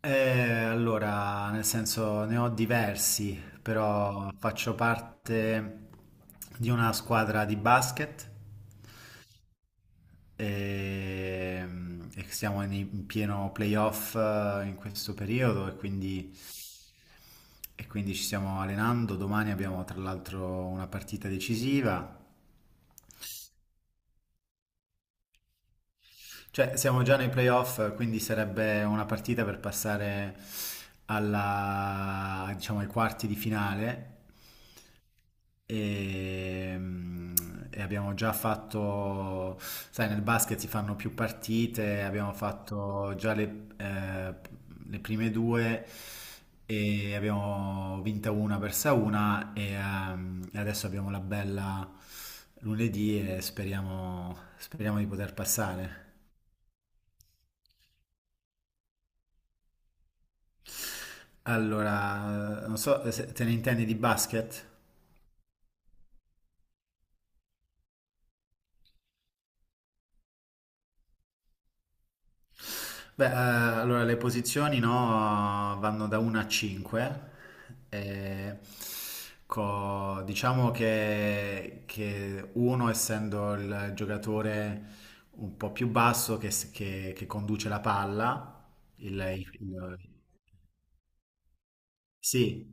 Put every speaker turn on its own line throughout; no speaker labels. Nel senso ne ho diversi, però faccio parte di una squadra di basket e, e siamo in pieno playoff in questo periodo e quindi ci stiamo allenando. Domani abbiamo tra l'altro una partita decisiva. Cioè, siamo già nei playoff, quindi sarebbe una partita per passare alla, diciamo, ai quarti di finale. E, e abbiamo già fatto, sai, nel basket si fanno più partite, abbiamo fatto già le prime due e abbiamo vinta una, persa una e e adesso abbiamo la bella lunedì e speriamo, speriamo di poter passare. Allora, non so se te ne intendi di basket? Beh, allora le posizioni no, vanno da 1 a 5. eh, diciamo che uno, essendo il giocatore un po' più basso che, che conduce la palla, il, il- il- sì.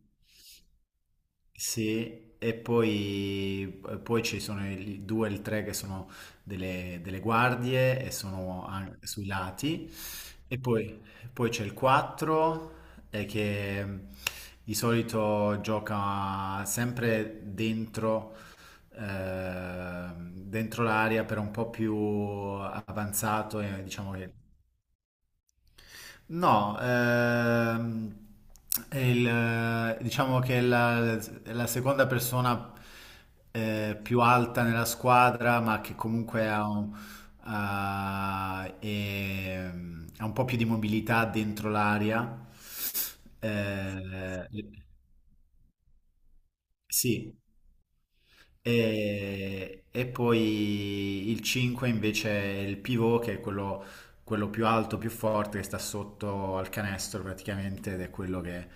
Sì, e poi ci sono i due e il tre che sono delle guardie e sono sui lati. E poi, poi c'è il 4 che di solito gioca sempre dentro, dentro l'area, però un po' più avanzato, e diciamo che... No, diciamo che è la seconda persona più alta nella squadra, ma che comunque ha un, ha- è- ha un po' più di mobilità dentro l'area. Eh, sì, e poi il 5 invece è il pivot, che è quello, quello più alto, più forte, che sta sotto al canestro praticamente, ed è quello che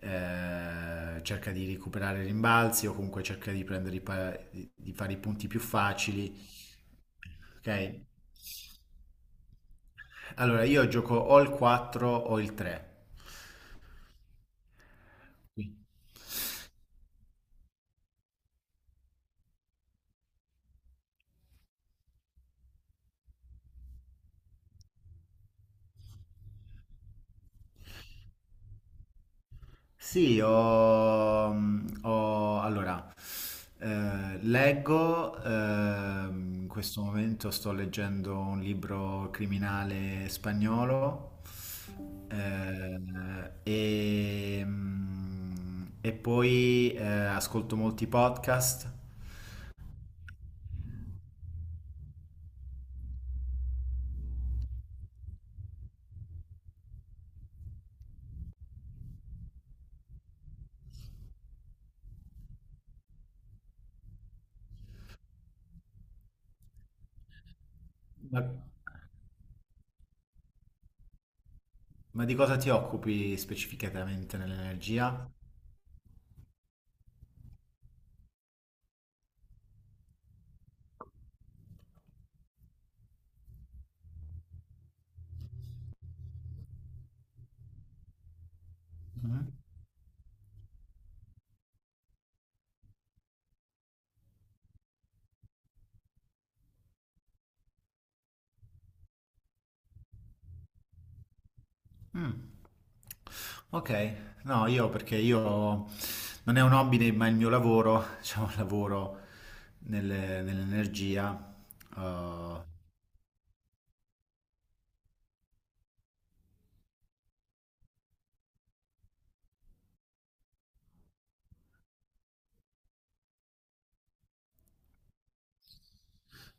cerca di recuperare i rimbalzi o comunque cerca di prendere i pa- di fare i punti più facili. Ok? Allora, io gioco o il 4 o il 3. Sì, ho, mm, ho- allora, leggo, in questo momento sto leggendo un libro criminale spagnolo e poi ascolto molti podcast. Ma, ma di cosa ti occupi specificatamente nell'energia? Mm. Ok, no, io perché io non è un hobby, ma il mio lavoro, diciamo, lavoro nell'energia. Eh.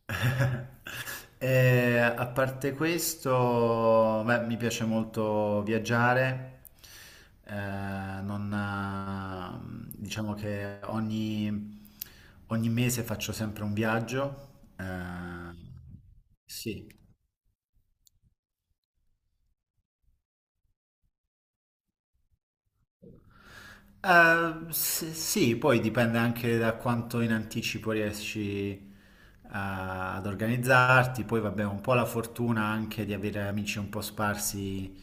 E a parte questo, beh, mi piace molto viaggiare. Non, Diciamo che ogni, ogni mese faccio sempre un viaggio. Eh, sì. Sì, poi dipende anche da quanto in anticipo riesci ad organizzarti, poi vabbè, un po' la fortuna anche di avere amici un po' sparsi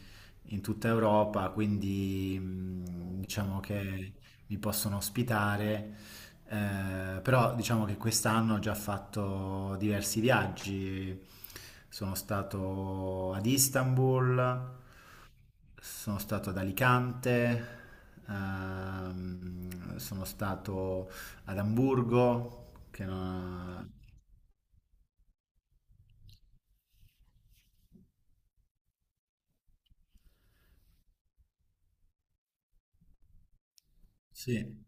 in tutta Europa, quindi diciamo che mi possono ospitare però diciamo che quest'anno ho già fatto diversi viaggi. Sono stato ad Istanbul, sono stato ad Alicante, sono stato ad Amburgo, che non... Sì.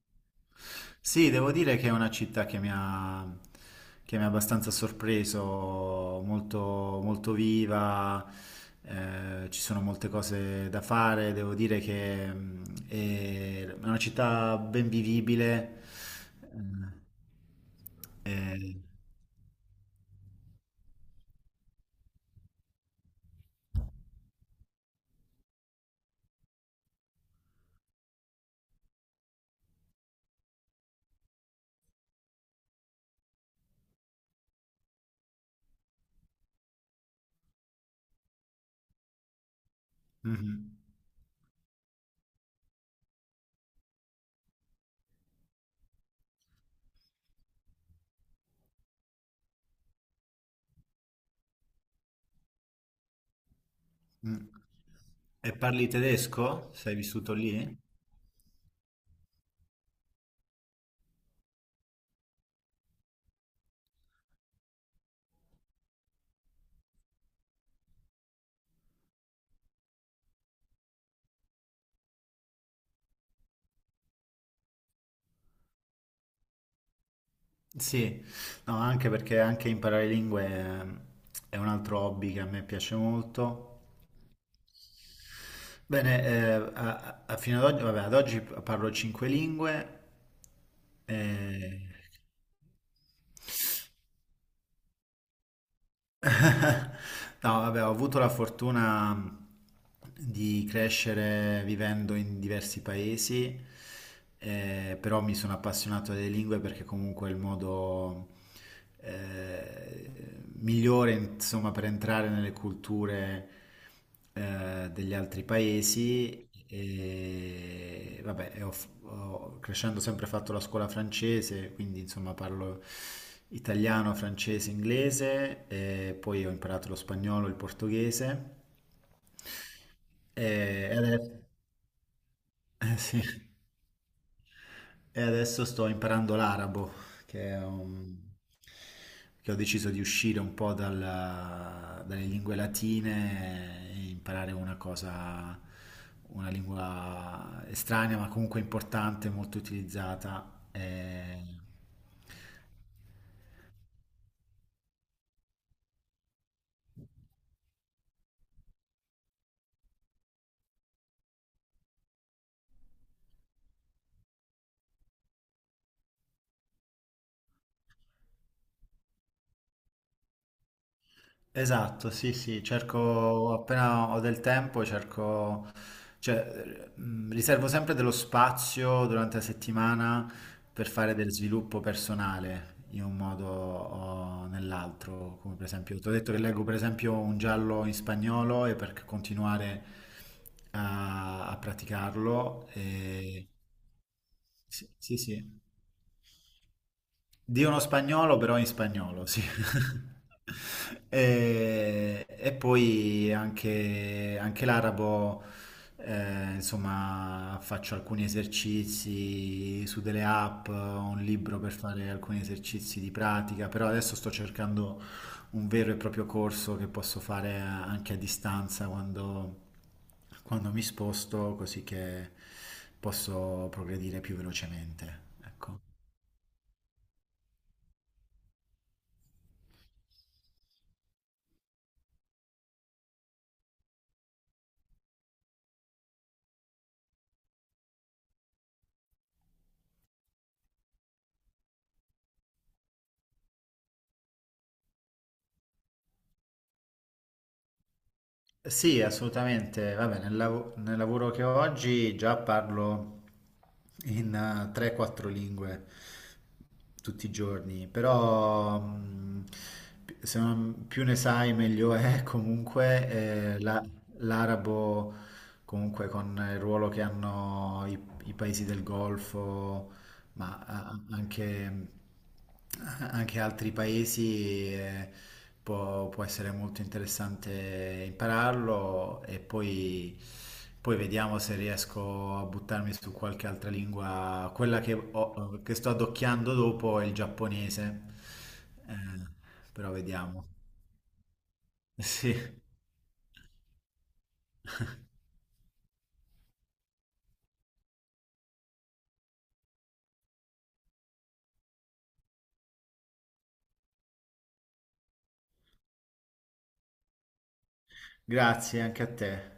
Sì, devo dire che è una città che mi ha abbastanza sorpreso, molto, molto viva, ci sono molte cose da fare, devo dire che mm, è una città ben vivibile. Eh, mhm, mm. E parli tedesco? Sei vissuto lì? Sì, no, anche perché anche imparare lingue è un altro hobby che a me piace molto. Bene, fino ad oggi, vabbè, ad oggi parlo cinque lingue. eh, No, vabbè, ho avuto la fortuna di crescere vivendo in diversi paesi, però mi sono appassionato alle lingue perché comunque è il modo eh, migliore, insomma, per entrare nelle culture degli altri paesi e vabbè, crescendo ho sempre fatto la scuola francese, quindi insomma parlo italiano, francese, inglese e poi ho imparato lo spagnolo, il portoghese e adesso... Eh, sì. E adesso sto imparando l'arabo, che è un- che ho deciso di uscire un po' dalle lingue latine e imparare una cosa, una lingua estranea, ma comunque importante, molto utilizzata. E... Esatto, sì, sì, cerco appena ho del tempo, cerco, cioè, riservo sempre dello spazio durante la settimana per fare del sviluppo personale in un modo o nell'altro, come per esempio, ti ho detto che leggo per esempio un giallo in spagnolo e per continuare a, a praticarlo. E... Sì, sì, sì. Di uno spagnolo, però in spagnolo, sì. E, e poi anche, anche l'arabo, insomma, faccio alcuni esercizi su delle app, ho un libro per fare alcuni esercizi di pratica, però adesso sto cercando un vero e proprio corso che posso fare anche a distanza quando, quando mi sposto, così che posso progredire più velocemente. Ecco. Sì, assolutamente. Vabbè, nel lavoro che ho oggi già parlo in 3-4 lingue tutti i giorni, però pi- se non- più ne sai meglio è. Comunque l'arabo, comunque con il ruolo che hanno i, i paesi del Golfo, ma anche, anche altri paesi può, può essere molto interessante impararlo e poi, poi vediamo se riesco a buttarmi su qualche altra lingua. Quella che, che sto adocchiando dopo è il giapponese. Eh, però vediamo. Sì, grazie anche a te.